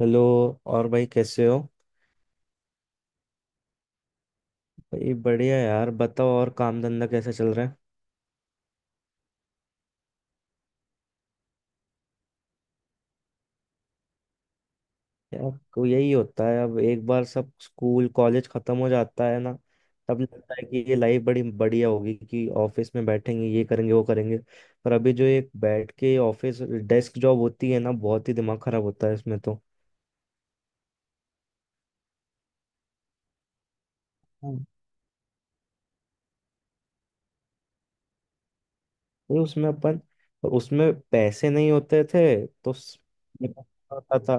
Hello. और भाई कैसे हो? भाई बढ़िया यार, बताओ। और काम धंधा कैसा चल रहा है? यार को यही होता है, अब एक बार सब स्कूल कॉलेज खत्म हो जाता है ना, तब लगता है कि ये लाइफ बड़ी बढ़िया होगी कि ऑफिस में बैठेंगे, ये करेंगे, वो करेंगे। पर अभी जो एक बैठ के ऑफिस डेस्क जॉब होती है ना, बहुत ही दिमाग खराब होता है इसमें तो। हाँ। ये उसमें अपन और उसमें पैसे नहीं होते थे तो होता था।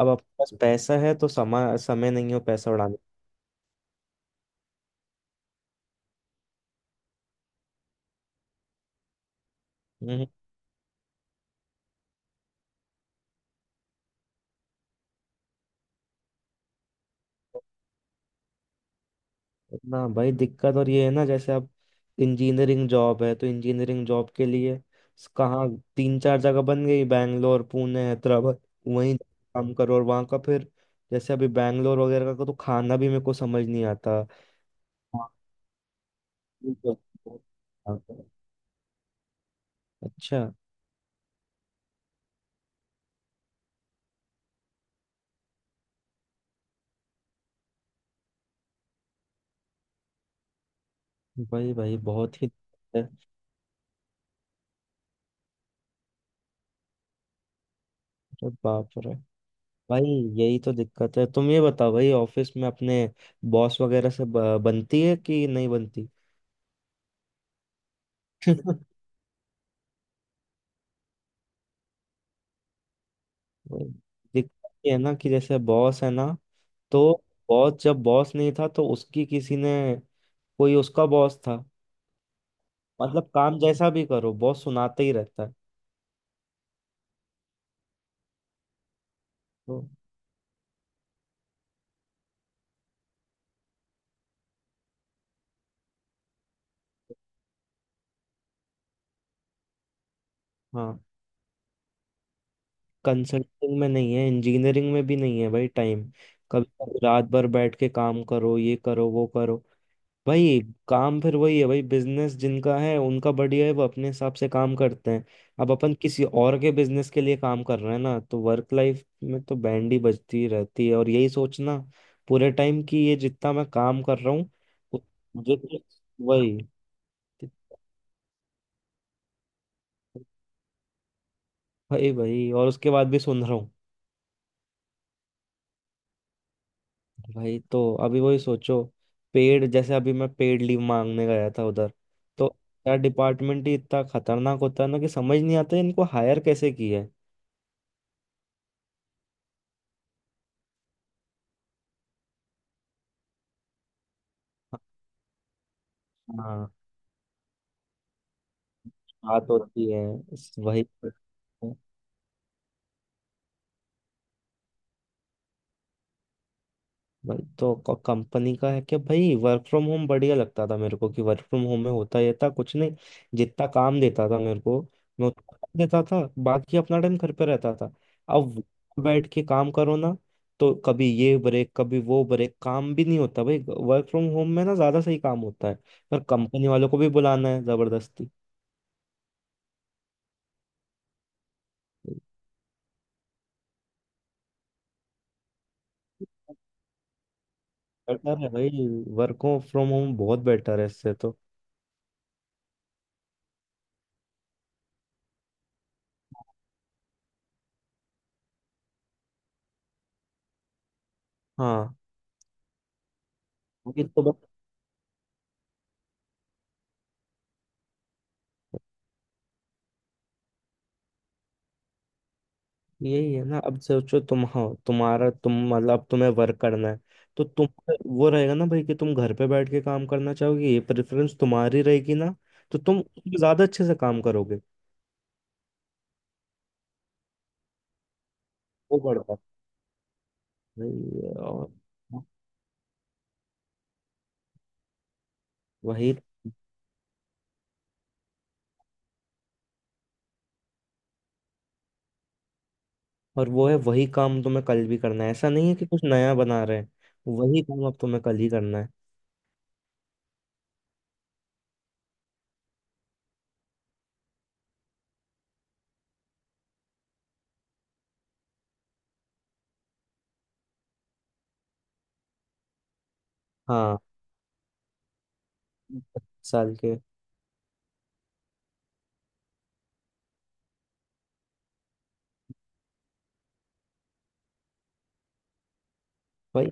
अब अपने पास पैसा है तो समय समय नहीं हो पैसा उड़ाने। हम्म। ना भाई, दिक्कत और ये है ना जैसे अब इंजीनियरिंग जॉब है तो इंजीनियरिंग जॉब के लिए कहाँ तीन चार जगह बन गई, बैंगलोर, पुणे, हैदराबाद। वहीं काम करो और वहाँ का फिर जैसे अभी बैंगलोर वगैरह का तो खाना भी मेरे को समझ नहीं आता। हाँ, बिल्कुल। अच्छा। भाई भाई, बहुत ही दिक्कत है। अरे बाप रे! भाई यही तो दिक्कत है। तुम ये बताओ भाई, ऑफिस में अपने बॉस वगैरह से बनती है कि नहीं बनती? दिक्कत ये है ना कि जैसे बॉस है ना, तो बॉस जब बॉस नहीं था तो उसकी किसी ने, कोई उसका बॉस था। मतलब काम जैसा भी करो, बॉस सुनाते ही रहता है तो। हाँ, कंसल्टिंग में नहीं है, इंजीनियरिंग में भी नहीं है भाई टाइम। कभी कभी रात भर बैठ के काम करो, ये करो, वो करो। भाई काम फिर वही है भाई, बिजनेस जिनका है उनका बढ़िया है, वो अपने हिसाब से काम करते हैं। अब अपन किसी और के बिजनेस के लिए काम कर रहे हैं ना, तो वर्क लाइफ में तो बैंड ही बजती रहती है। और यही सोचना पूरे टाइम कि ये जितना मैं काम कर रहा हूँ, उ- मुझे तो वही। भाई भाई, और उसके बाद भी सुन रहा हूँ। भाई तो अभी वही सोचो पेड, जैसे अभी मैं पेड लीव मांगने गया था उधर, तो यार डिपार्टमेंट ही इतना खतरनाक होता है ना कि समझ नहीं आता है इनको हायर कैसे किया है। हाँ, बात होती है। वही। वही तो कंपनी का है कि भाई वर्क फ्रॉम होम बढ़िया लगता था मेरे को, कि वर्क फ्रॉम होम में होता ये था, कुछ नहीं, जितना काम देता था मेरे को मैं उतना काम देता था, बाकी अपना टाइम घर पे रहता था। अब बैठ के काम करो ना, तो कभी ये ब्रेक, कभी वो ब्रेक, काम भी नहीं होता भाई। वर्क फ्रॉम होम में ना ज्यादा सही काम होता है, पर कंपनी वालों को भी बुलाना है जबरदस्ती। बेटर है भाई, वर्क फ्रॉम होम बहुत बेटर है इससे तो। हाँ, ये तो बस। यही है ना, अब सोचो तुम हो, तुम्हारा तुम मतलब अब तुम्हें वर्क करना है तो तुम, वो रहेगा ना भाई कि तुम घर पे बैठ के काम करना चाहोगे, ये प्रेफरेंस तुम्हारी रहेगी ना, तो तुम उसमें ज्यादा अच्छे से काम करोगे। वो बढ़ता है। वही है, और वही। और वो है वही काम तुम्हें कल भी करना है, ऐसा नहीं है कि कुछ नया बना रहे हैं। वही काम अब तुम्हें कल ही करना है। हाँ, 25 साल के। भाई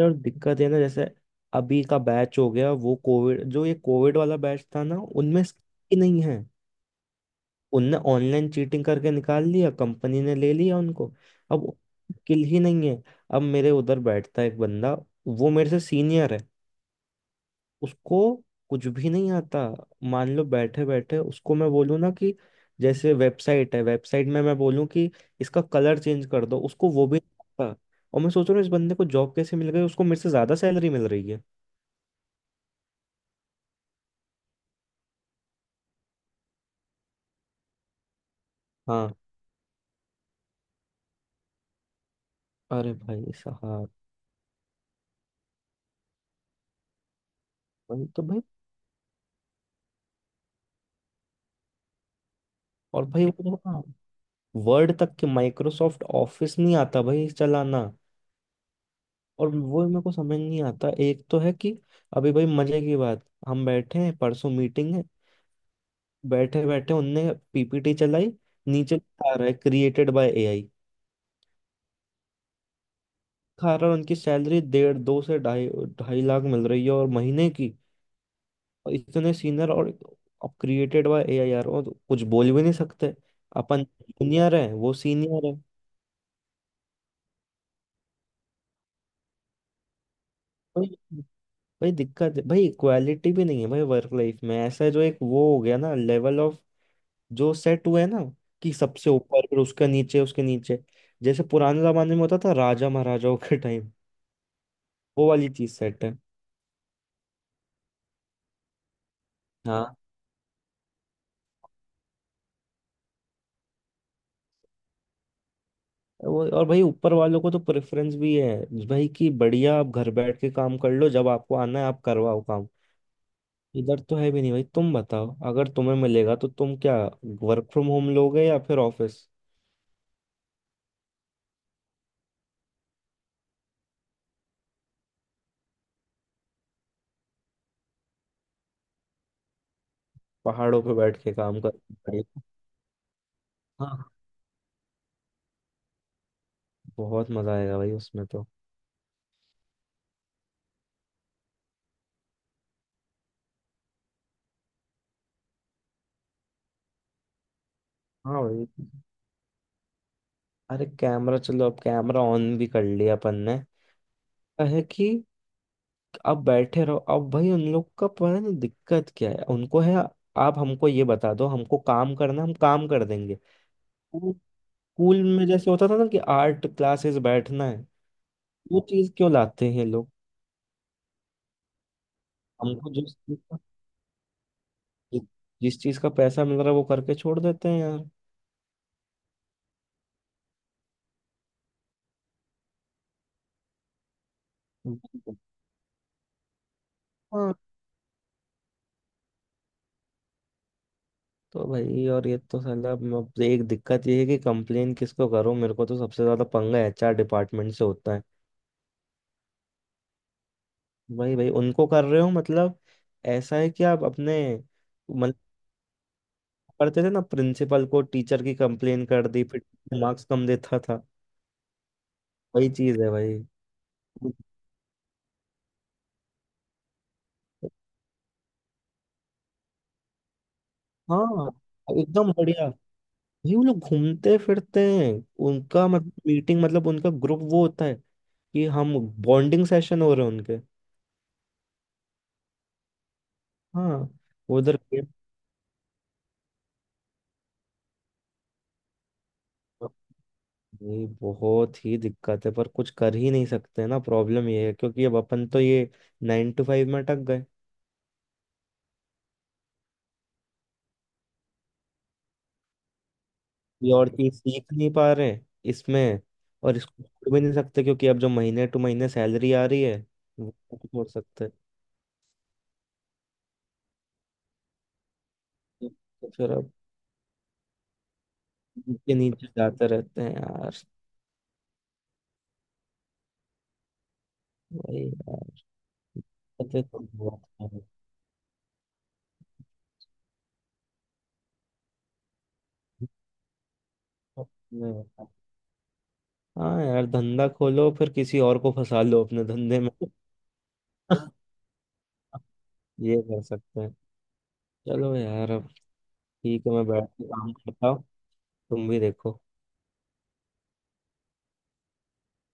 और दिक्कत है ना, जैसे अभी का बैच हो गया वो कोविड, जो ये कोविड वाला बैच था ना, उनमें स्किल ही नहीं है। उनने ऑनलाइन चीटिंग करके निकाल लिया, कंपनी ने ले लिया उनको। अब किल ही नहीं है। अब मेरे उधर बैठता है एक बंदा, वो मेरे से सीनियर है। उसको कुछ भी नहीं आता। मान लो बैठे बैठे उसको मैं बोलूँ ना कि जैसे वेबसाइट है, वेबसाइट में मैं बोलूँ कि इसका कलर चेंज कर दो, उसको वो भी नहीं आता। और मैं सोच रहा हूँ इस बंदे को जॉब कैसे मिल गई, उसको मेरे से ज्यादा सैलरी मिल रही है। हाँ, अरे भाई साहब। वही तो भाई, और भाई वो, वर्ड तक के माइक्रोसॉफ्ट ऑफिस नहीं आता भाई चलाना। और वो मेरे को समझ नहीं आता, एक तो है कि अभी भाई मजे की बात, हम बैठे हैं परसों मीटिंग है, बैठे बैठे उनने पीपीटी चलाई, नीचे लिखा रहा है क्रिएटेड बाय एआई। खा रहा है, उनकी सैलरी डेढ़ दो से ढाई, 2.5 लाख मिल रही है और महीने की, और इतने सीनियर, और अब क्रिएटेड बाय एआई यार, और कुछ बोल भी नहीं सकते। अपन जूनियर है वो सीनियर है। भाई दिक्कत है भाई, इक्वालिटी भी नहीं है भाई। वर्क लाइफ में ऐसा है, जो एक वो हो गया ना, लेवल ऑफ जो सेट हुआ है ना, कि सबसे ऊपर, फिर उसके नीचे, उसके नीचे, जैसे पुराने जमाने में होता था राजा महाराजाओं के टाइम, वो वाली चीज सेट है। हाँ, वो। और भाई ऊपर वालों को तो प्रेफरेंस भी है भाई कि बढ़िया आप घर बैठ के काम कर लो, जब आपको आना है आप करवाओ काम। इधर तो है भी नहीं भाई। तुम बताओ, अगर तुम्हें मिलेगा तो तुम क्या वर्क फ्रॉम होम लोगे या फिर ऑफिस? पहाड़ों पे बैठ के काम कर। हाँ, बहुत मजा आएगा भाई उसमें तो। हाँ भाई। अरे कैमरा, चलो अब कैमरा ऑन भी कर लिया अपन ने, क्या है कि अब बैठे रहो, अब भाई उन लोग का पता नहीं दिक्कत क्या है, उनको है। आप हमको ये बता दो हमको काम करना है, हम काम कर देंगे। वो स्कूल में जैसे होता था ना कि आर्ट क्लासेस बैठना है, वो चीज क्यों लाते हैं ये लोग? हमको जिस चीज का, जिस चीज का पैसा मिल रहा है वो करके छोड़ देते हैं यार। हाँ, तो भाई। और ये तो साला अब एक दिक्कत ये है कि कंप्लेन किसको करो? मेरे को तो सबसे ज्यादा पंगा एचआर डिपार्टमेंट से होता है। भाई भाई उनको कर रहे हो मतलब, ऐसा है कि आप अपने, मतलब करते थे ना प्रिंसिपल को टीचर की कंप्लेन कर दी फिर मार्क्स कम देता था। वही चीज है भाई। हाँ, एकदम बढ़िया। भाई वो लोग घूमते फिरते हैं, उनका मतलब मीटिंग मतलब उनका ग्रुप वो होता है कि हम बॉन्डिंग सेशन हो रहे हैं उनके। हाँ, वो उधर। ये बहुत ही दिक्कत है पर कुछ कर ही नहीं सकते ना, प्रॉब्लम ये है क्योंकि अब अपन तो ये 9 to 5 में अटक गए। ये और चीज सीख नहीं पा रहे इसमें, और इसको छोड़ भी नहीं सकते क्योंकि अब जो महीने टू महीने सैलरी आ रही है वो नहीं छोड़ सकते। तो फिर अब नीचे नीचे जाते रहते हैं यार। वही यार, पते तो बहुत है। हाँ यार, धंधा खोलो फिर किसी और को फंसा लो अपने धंधे में। ये कर सकते हैं। चलो यार, अब ठीक है, मैं बैठ के काम करता हूँ, तुम भी देखो।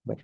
Bye.